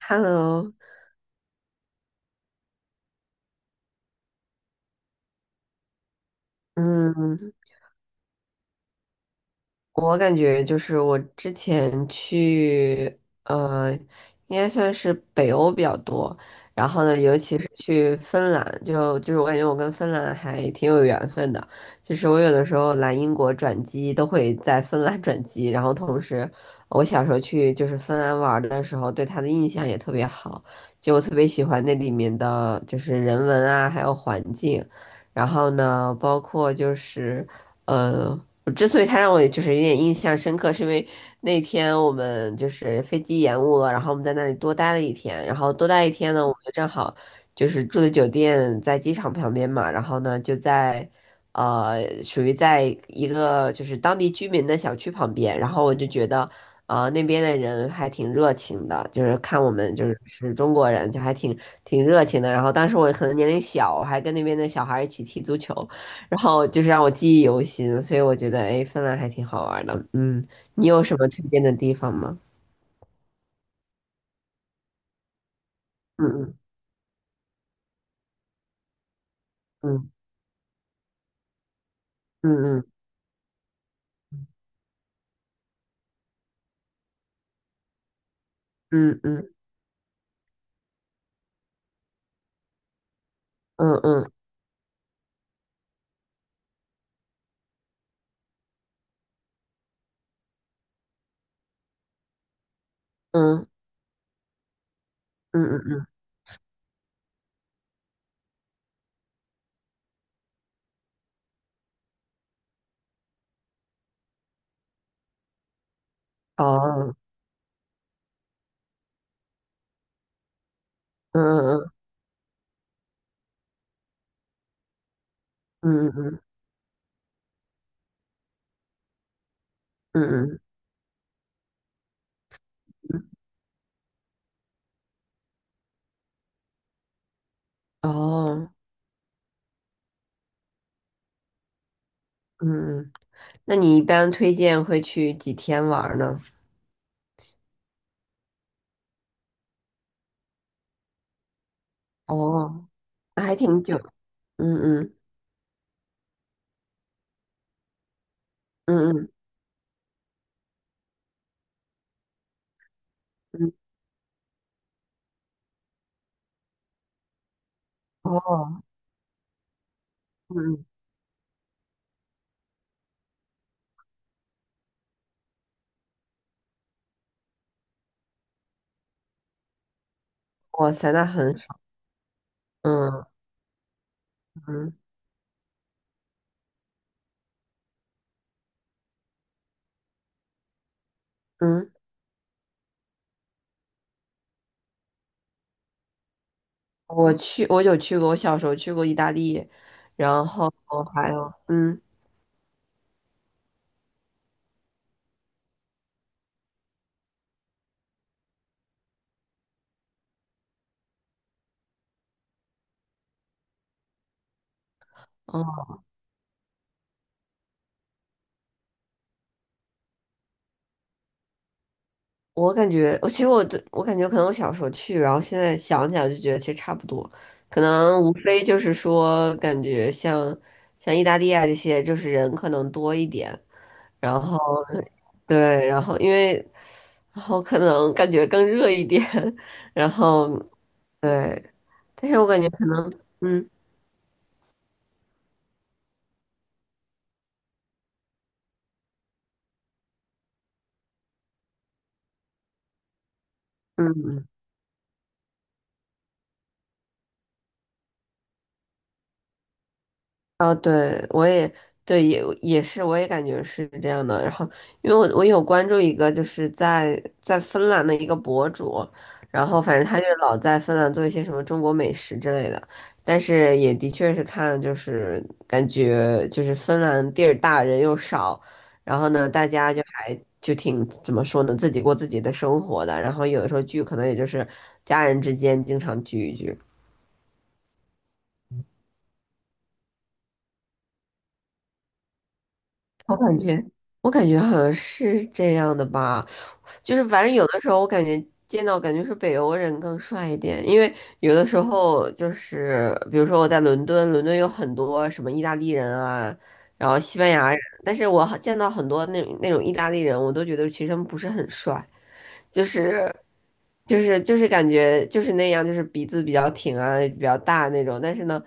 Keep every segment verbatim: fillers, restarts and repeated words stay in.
Hello，嗯，我感觉就是我之前去，呃，应该算是北欧比较多，然后呢，尤其是去芬兰，就就是我感觉我跟芬兰还挺有缘分的，就是我有的时候来英国转机都会在芬兰转机，然后同时我小时候去就是芬兰玩儿的时候，对它的印象也特别好，就我特别喜欢那里面的就是人文啊，还有环境。然后呢，包括就是，呃，之所以他让我就是有点印象深刻，是因为那天我们就是飞机延误了，然后我们在那里多待了一天，然后多待一天呢，我们就正好就是住的酒店在机场旁边嘛，然后呢就在呃属于在一个就是当地居民的小区旁边，然后我就觉得。啊那边的人还挺热情的，就是看我们就是是中国人，就还挺挺热情的。然后当时我可能年龄小，我还跟那边的小孩儿一起踢足球，然后就是让我记忆犹新，所以我觉得，哎，芬兰还挺好玩的。嗯，你有什么推荐的地方吗？嗯嗯嗯嗯嗯嗯嗯嗯嗯嗯嗯嗯哦，嗯嗯嗯嗯嗯嗯嗯哦，嗯嗯，那你一般推荐会去几天玩呢？哦，那还挺久。嗯嗯嗯嗯嗯，哦，嗯嗯，哇塞，那很爽。嗯嗯嗯，我去，我有去过，我小时候去过意大利，哦，还有，嗯，哦，我感觉，我其实我对我感觉可能我小时候去，然后现在想起来就觉得其实差不多，可能无非就是说，感觉像像意大利啊这些，就是人可能多一点，然后对，然后因为然后可能感觉更热一点，然后对，但是我感觉，嗯嗯。嗯啊，对，我也对，也也是，我也感觉是这样的。然后，因为我我有关注一个，就是在在芬兰的一个博主，然后反正他就是老在芬兰做一些什么中国美食之类的，但是也的确是看，就是感觉就是芬兰地儿大人又少，然后呢，大家就还就挺怎么说呢，自己过自己的生活的，然后有的时候聚可能也就是家人之间经常聚一聚。我感觉，我感觉好像是这样的吧，就是反正有的时候我感觉见到感觉是北欧人更帅一点，因为有的时候就是比如说我在伦敦，伦敦有很多什么意大利人啊，然后西班牙人，但是我好见到很多那那种意大利人，我都觉得其实他们不是很帅。就是就是就是感觉就是那样，就是鼻子比较挺啊，比较大那种。但是呢，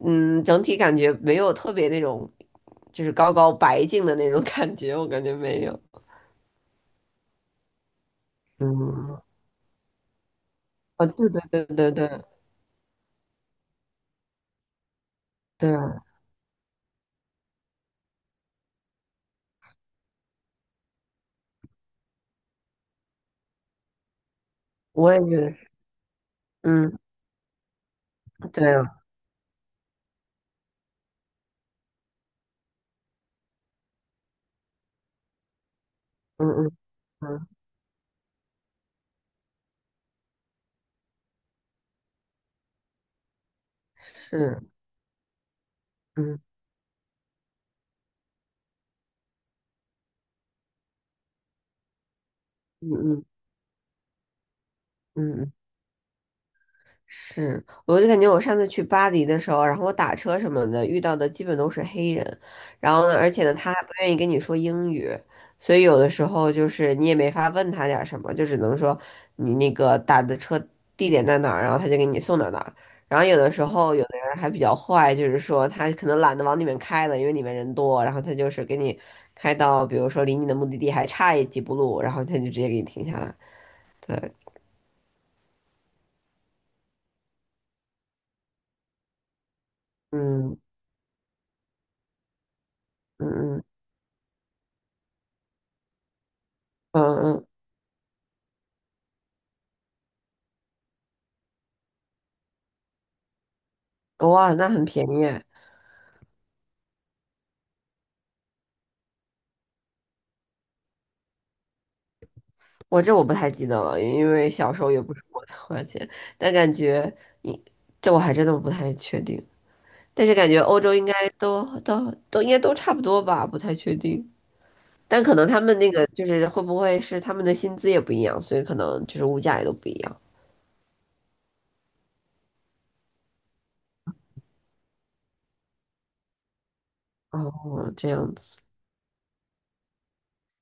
嗯，整体感觉没有特别那种，就是高高白净的那种 感觉，我感觉没有。嗯，啊，对对对对对对，我也觉得是，嗯，对啊，嗯嗯嗯，是，嗯嗯嗯嗯嗯。是，我就感觉我上次去巴黎的时候，然后我打车什么的遇到的基本都是黑人，然后呢，而且呢，他还不愿意跟你说英语，所以有的时候就是你也没法问他点儿什么，就只能说你那个打的车地点在哪儿，然后他就给你送到哪儿。然后有的时候有的人还比较坏，就是说他可能懒得往里面开了，因为里面人多，然后他就是给你开到，比如说离你的目的地还差一几步路，然后他就直接给你停下来。对，嗯嗯嗯嗯嗯哇，那很便宜耶我这我不太记得了，因为小时候也不是我的花钱，但感觉你这我还真的不太确定，但是感觉欧洲应该都都都应该都差不多吧，不太确定，但可能他们那个就是会不会是他们的薪资也不一样，所以可能就是物价也都不一样。哦，这样子，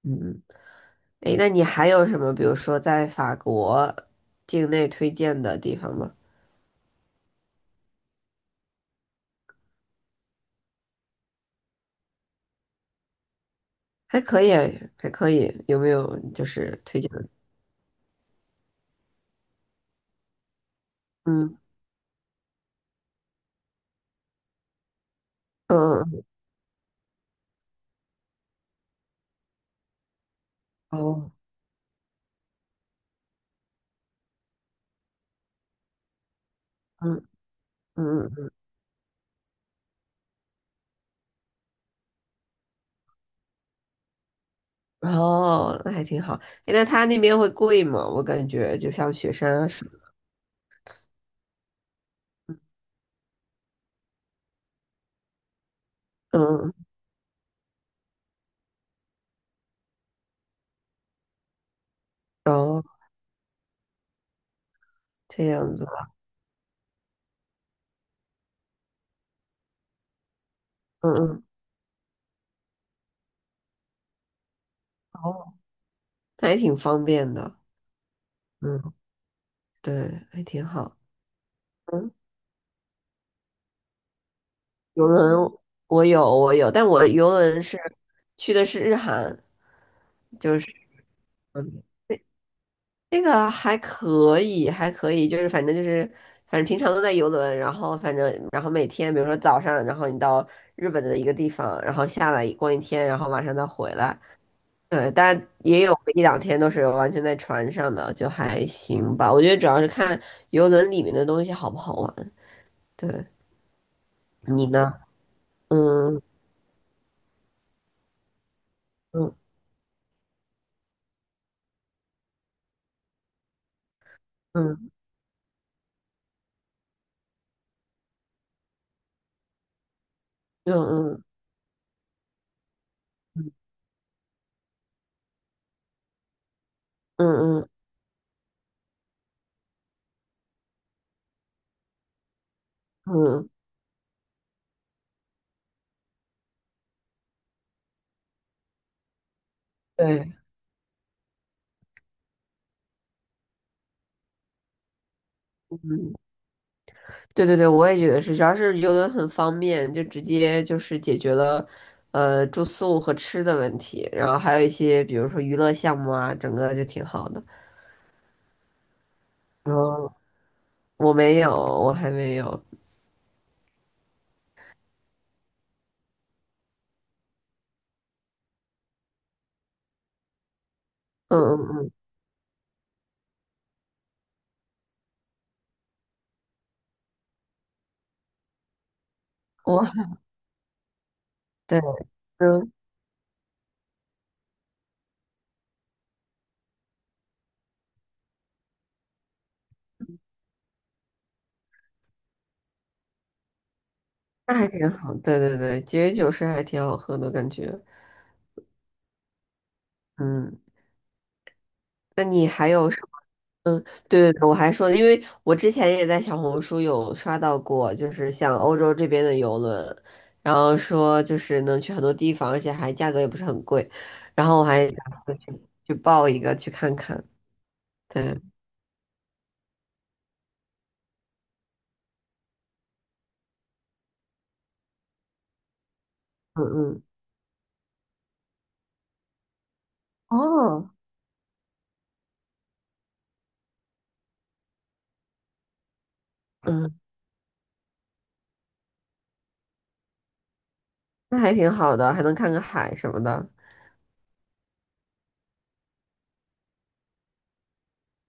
嗯，诶，那你还有什么，比如说在法国境内推荐的地方吗？还可以，还可以，有没有就是推荐的？嗯。嗯嗯哦，嗯嗯，嗯哦，那还挺好。诶那他那边会贵吗？我感觉就像雪山啊什么，嗯，哦，这样子吧嗯嗯，哦，那还挺方便的，嗯，对，还挺好。嗯，游轮我有我有，但我游轮是去的是日韩，就是。那个还可以，还可以，就是反正就是，反正平常都在游轮，然后反正然后每天，比如说早上，然后你到日本的一个地方，然后下来逛一天，然后晚上再回来。对，但也有一两天都是完全在船上的，就还行吧。我觉得主要是看游轮里面的东西好不好玩。对，你呢？嗯嗯嗯嗯嗯嗯嗯嗯，对。对对对，我也觉得是，主要是游轮很方便，就直接就是解决了，呃，住宿和吃的问题，然后还有一些比如说娱乐项目啊，整个就挺好的。然后我没有，我还没有，嗯嗯嗯，我还对，嗯，那还挺好，对对对，节约酒是还挺好喝的感觉，嗯。那你还有什么？嗯，对对对，我还说，因为我之前也在小红书有刷到过，就是像欧洲这边的游轮，然后说就是能去很多地方，而且还价格也不是很贵，然后我还打算去去报一个去看看。对，嗯嗯，哦，嗯，那还挺好的，还能看个海什么的。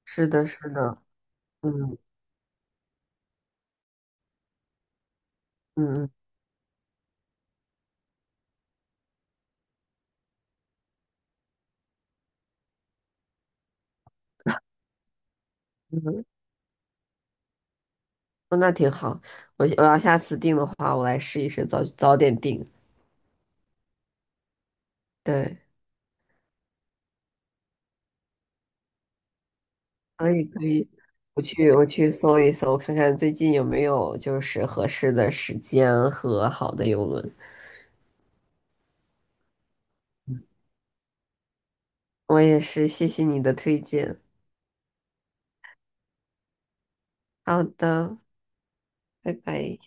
是的，是的，嗯嗯嗯，嗯，那挺好。我我要下次订的话，我来试一试，早早点订。对。可以可以，我去我去搜一搜，看看最近有没有就是合适的时间和好的游轮。我也是，谢谢你的推荐。好的，拜拜。